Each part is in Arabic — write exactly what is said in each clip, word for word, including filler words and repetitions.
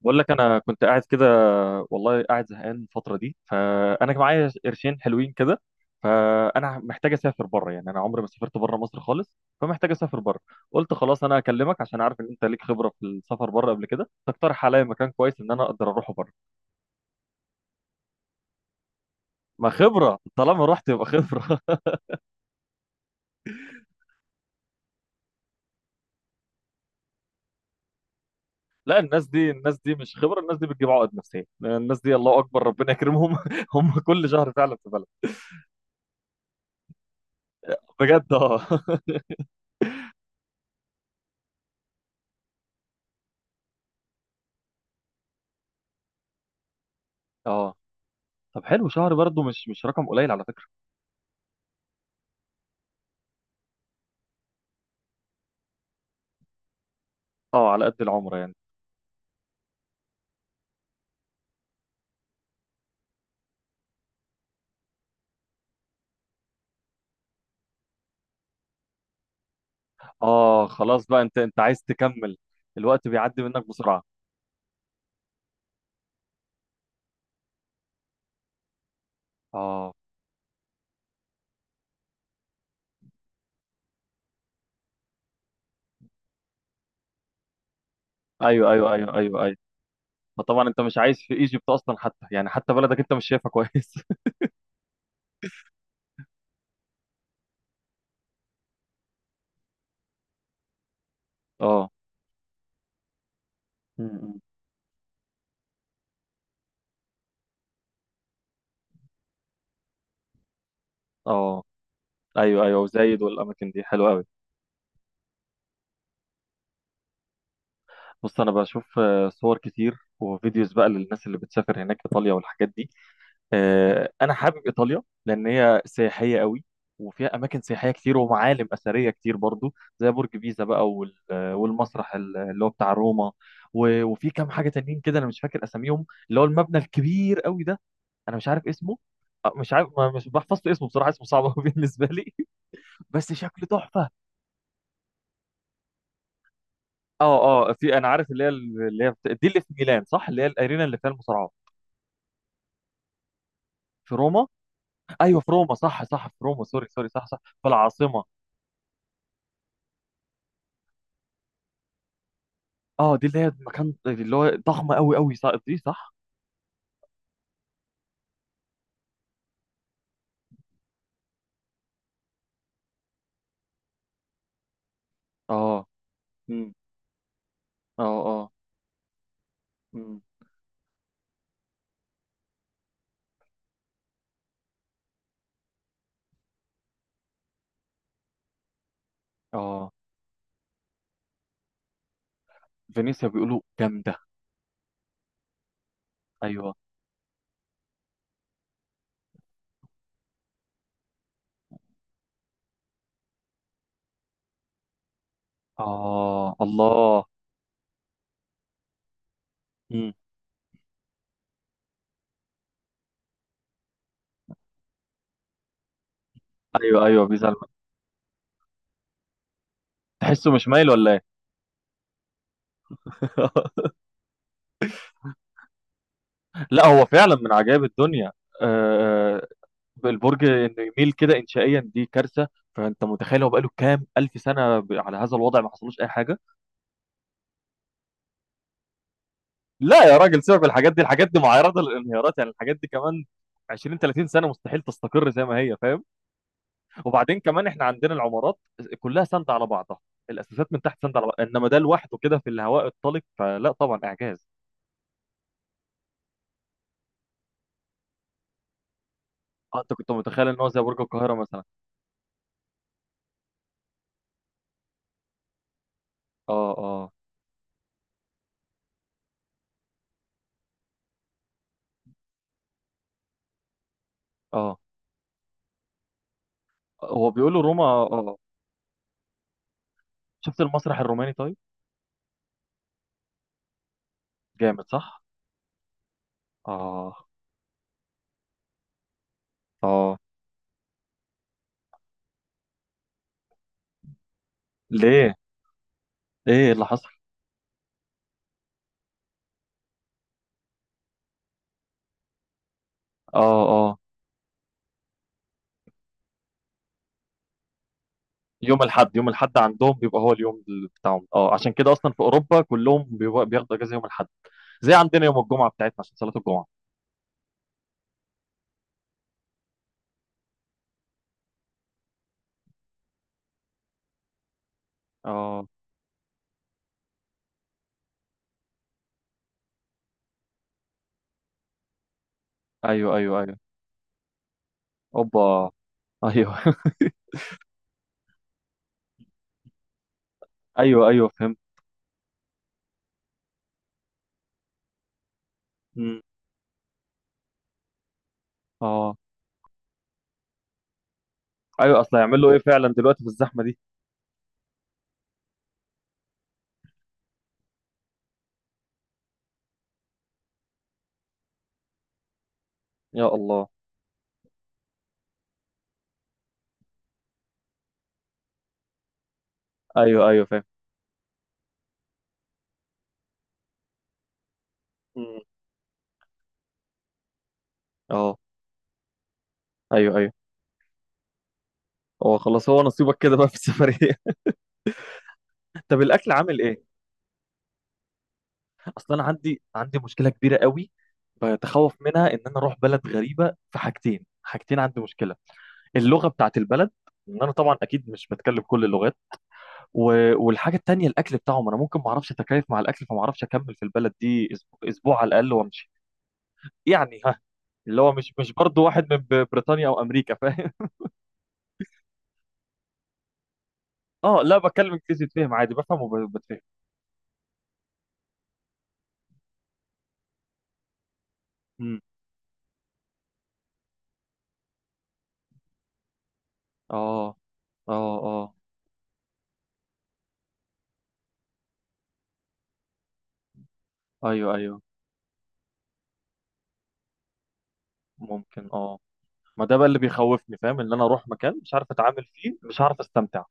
بقول لك انا كنت قاعد كده، والله قاعد زهقان الفتره دي. فانا معايا قرشين حلوين كده، فانا محتاج اسافر بره. يعني انا عمري ما سافرت بره مصر خالص، فمحتاج اسافر بره. قلت خلاص انا اكلمك عشان عارف ان انت ليك خبره في السفر بره قبل كده، تقترح عليا مكان كويس ان انا اقدر اروحه بره. ما خبره طالما رحت يبقى خبره. لا، الناس دي الناس دي مش خبره، الناس دي بتجيب عقد نفسيه. الناس دي الله اكبر، ربنا يكرمهم. هم كل شهر فعلا في بلد. بجد اه. اه. طب حلو، شهر برضه مش مش رقم قليل على فكره. اه، على قد العمر يعني. اه خلاص بقى، انت انت عايز تكمل. الوقت بيعدي منك بسرعه. اه. ايوه ايوه ايوه ايوه ايوه. فطبعا انت مش عايش في ايجيبت اصلا حتى، يعني حتى بلدك انت مش شايفها كويس. اه. مم. اه ايوه ايوه، وزايد والاماكن دي حلوه قوي. بص انا بشوف آه، صور كتير وفيديوز بقى للناس اللي بتسافر هناك ايطاليا والحاجات دي. آه، انا حابب ايطاليا لان هي سياحيه قوي، وفيها اماكن سياحيه كتير ومعالم اثريه كتير برضو، زي برج بيزا بقى وال- والمسرح ال- اللي هو بتاع روما. و- وفي كام حاجه تانيين كده انا مش فاكر اساميهم، اللي هو المبنى الكبير قوي ده، انا مش عارف اسمه. آه، مش عارف، ما- مش بحفظت اسمه بصراحه، اسمه صعب قوي بالنسبه لي، بس شكله تحفه. اه اه، في انا عارف، اللي هي اللي هي بت- دي اللي في ميلان صح، اللي هي الارينا اللي فيها المصارعه. في روما. ايوه في روما، صح صح في روما، سوري سوري، صح صح في العاصمه. اه دي اللي هي مكان اللي هو ضخم قوي قوي، صح دي صح. اه. امم. اه اه. امم. اه، فينيسيا بيقولوا جامدة. ايوه. اه الله. مم. ايوه ايوه، بيزلمة. تحسه مش مايل ولا ايه؟ لا هو فعلا من عجائب الدنيا. آه، البرج انه يميل كده انشائيا دي كارثة. فانت متخيل هو بقاله كام الف سنة ب- على هذا الوضع ما حصلوش اي حاجة. لا يا راجل سيبك من الحاجات دي، الحاجات دي معرضة للانهيارات يعني. الحاجات دي كمان عشرين ثلاثين سنة مستحيل تستقر زي ما هي، فاهم؟ وبعدين كمان احنا عندنا العمارات كلها ساندة على بعضها، الاساسات من تحت ساندة على بعضها، انما ده لوحده كده في الهواء الطلق، فلا طبعا اعجاز. اه انت كنت متخيل ان هو زي برج القاهرة مثلا. اه اه اه. هو بيقولوا روما اه آه. شفت المسرح الروماني طيب؟ جامد صح. اه. اه ليه؟ ايه اللي حصل؟ اه اه. يوم الاحد، يوم الاحد عندهم بيبقى هو اليوم ال- بتاعهم اه، عشان كده اصلا في اوروبا كلهم بيبقى- بياخدوا اجازة يوم الاحد. زي عندنا يوم الجمعة بتاعتنا عشان صلاة الجمعة. اه. ايوه ايوه ايوه. اوبا. ايوه. ايوه ايوه فهمت. مم. اه. ايوه، اصل هيعمل له ايه فعلا دلوقتي في الزحمه دي؟ يا الله. ايوه ايوه فاهم. مم. اه. ايوه ايوه. هو خلاص، هو نصيبك كده بقى في السفريه. طب الاكل عامل ايه؟ اصل انا عندي عندي مشكله كبيره قوي بتخوف منها ان انا اروح بلد غريبه. في حاجتين حاجتين عندي مشكله: اللغه بتاعت البلد، ان انا طبعا اكيد مش بتكلم كل اللغات، و... والحاجه التانيه الاكل بتاعهم. انا ممكن ما اعرفش اتكيف مع الاكل، فما اعرفش اكمل في البلد دي أسبوع, اسبوع على الاقل وامشي. يعني ها، اللي هو مش مش برضه واحد من ب- بريطانيا او امريكا، فاهم؟ اه لا، بتكلم انجليزي يتفهم عادي، بفهم وبتفهم. امم. اه اه اه. ايوه ايوه. ممكن اه. ما ده بقى اللي بيخوفني، فاهم؟ ان انا اروح مكان مش عارف اتعامل فيه، مش عارف استمتع.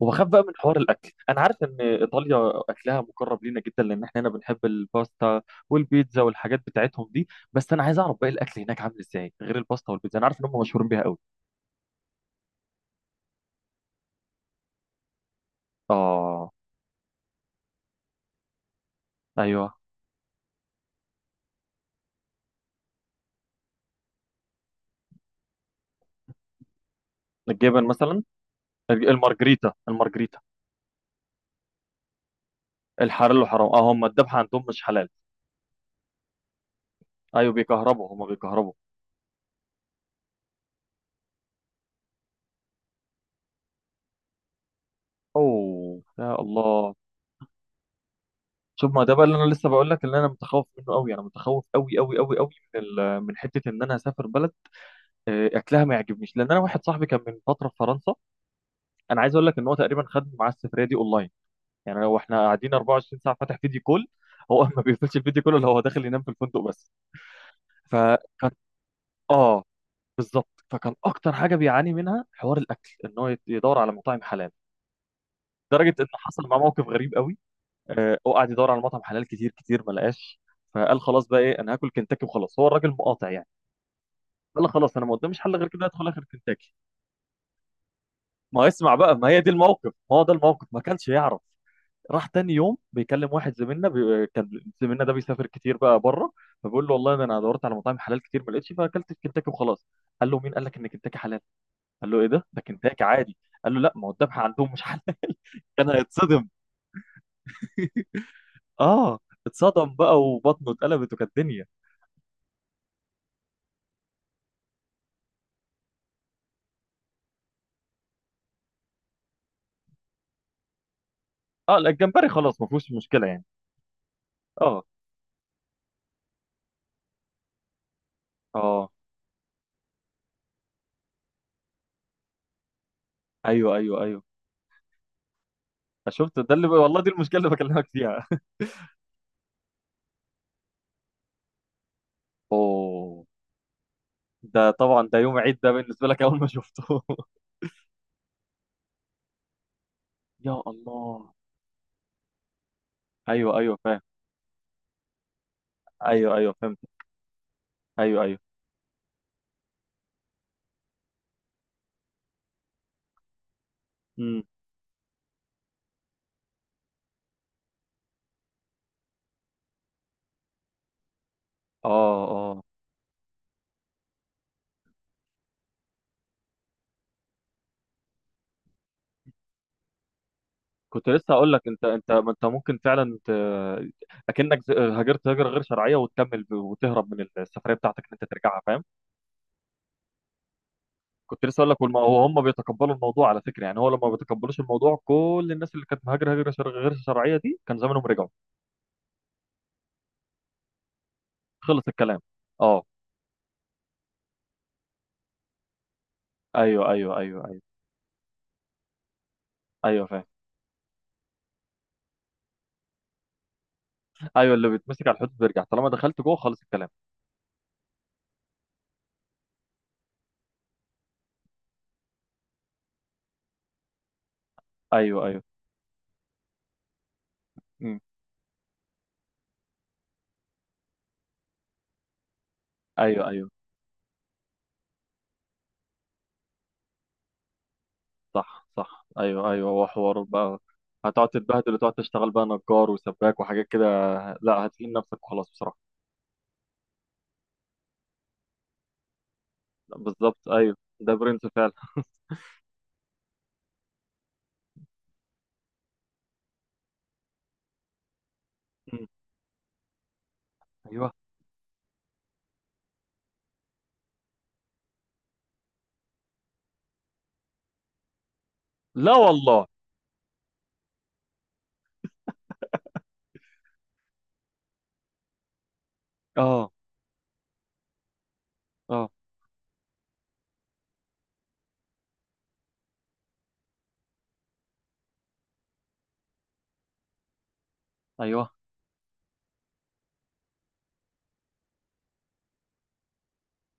وبخاف بقى من حوار الاكل. انا عارف ان ايطاليا اكلها مقرب لينا جدا لان احنا هنا بنحب الباستا والبيتزا والحاجات بتاعتهم دي، بس انا عايز اعرف باقي الاكل هناك عامل ازاي غير الباستا والبيتزا. انا عارف ان هم مشهورين بيها قوي. اه. ايوه. الجبن مثلا. المارجريتا المارجريتا. الحلال وحرام، اه، هم الذبح عندهم مش حلال. ايوه، بيكهربوا، هم بيكهربوا. اوه يا الله. شوف، ما ده بقى اللي انا لسه بقول لك، اللي انا متخوف منه قوي. انا متخوف قوي قوي قوي قوي من ال- من حته ان انا اسافر بلد آه، اكلها ما يعجبنيش. لان انا واحد صاحبي كان من فتره في فرنسا، انا عايز اقول لك ان هو تقريبا خد معاه السفريه دي اونلاين. يعني لو احنا قاعدين اربعة وعشرين ساعه فاتح فيديو كول، هو ما بيقفلش الفيديو كله، اللي هو داخل ينام في الفندق بس. فكان اه. بالظبط، فكان اكتر حاجه بيعاني منها حوار الاكل، ان هو يت- يدور على مطاعم حلال. لدرجه ان حصل معاه موقف غريب قوي. آه، هو قعد يدور على مطعم حلال كتير كتير ما لقاش، فقال خلاص بقى ايه، انا هاكل كنتاكي وخلاص، هو الراجل مقاطع يعني. قال خلاص انا ما قداميش حل غير كده، ادخل اخر كنتاكي. ما هو اسمع بقى، ما هي دي الموقف، ما هو ده الموقف، ما كانش يعرف. راح تاني يوم بيكلم واحد زميلنا بي... كان زميلنا ده بيسافر كتير بقى بره، فبيقول له والله ده انا دورت على مطاعم حلال كتير ما لقيتش، فاكلت في كنتاكي وخلاص. قال له مين قال لك ان كنتاكي حلال؟ قال له ايه، ده ده كنتاكي عادي. قال له لا ما هو الذبح عندهم مش حلال. كان هيتصدم. اه اتصدم بقى، وبطنه اتقلبت، وكانت الدنيا. اه لا الجمبري خلاص ما فيهوش مشكله يعني. اه. اه ايوه ايوه ايوه. شفت؟ ده اللي والله، دي المشكله اللي بكلمك فيها. اوه. ده طبعا ده يوم عيد ده بالنسبه لك اول ما شفته. يا الله. ايوه ايوه فاهم. ايوه ايوه فهمت. ايوه ايوه. امم. اه اه. كنت لسه هقول لك، انت انت ما انت ممكن فعلا ت... اكنك ز- هاجرت هجره غير شرعيه وتكمل ب- وتهرب من السفريه بتاعتك ان انت ترجعها، فاهم؟ كنت لسه اقول لك، والم... هم بيتقبلوا الموضوع على فكره. يعني هو لما ما بيتقبلوش الموضوع، كل الناس اللي كانت مهاجره هجره شر... غير شرعيه دي كان زمانهم رجعوا. خلص الكلام. اه. ايوه ايوه ايوه ايوه ايوه فاهم. ايوه، اللي بيتمسك على الحدود بيرجع، طالما دخلت جوه خلص الكلام. ايوه ايوه. امم. ايوه ايوه، صح صح. ايوه ايوه، هو حوار بقى. هتقعد تتبهدل وتقعد تشتغل بقى نجار وسباك وحاجات كده. لا هتهين نفسك وخلاص بصراحة. لا، بالظبط ايوه، ده برنس فعلا. مم. ايوه. لا والله. اه اه ايوه.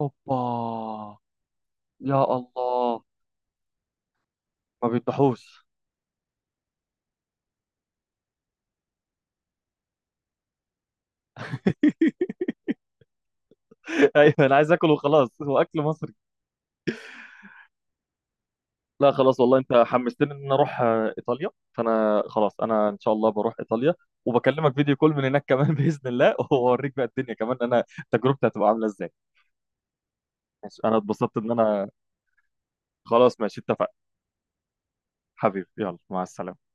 اوبا. يا الله. ما بيذبحوش. ايوه، انا عايز اكل وخلاص، هو اكل مصري. لا خلاص والله انت حمستني ان انا اروح آه، ايطاليا، فانا خلاص انا ان شاء الله بروح ايطاليا. وبكلمك فيديو كول من هناك كمان، باذن الله، واوريك بقى الدنيا كمان. انا تجربتي هتبقى عامله ازاي. ماشي. انا اتبسطت ان انا، خلاص ماشي اتفقنا. حبيبي، يلا مع السلامه.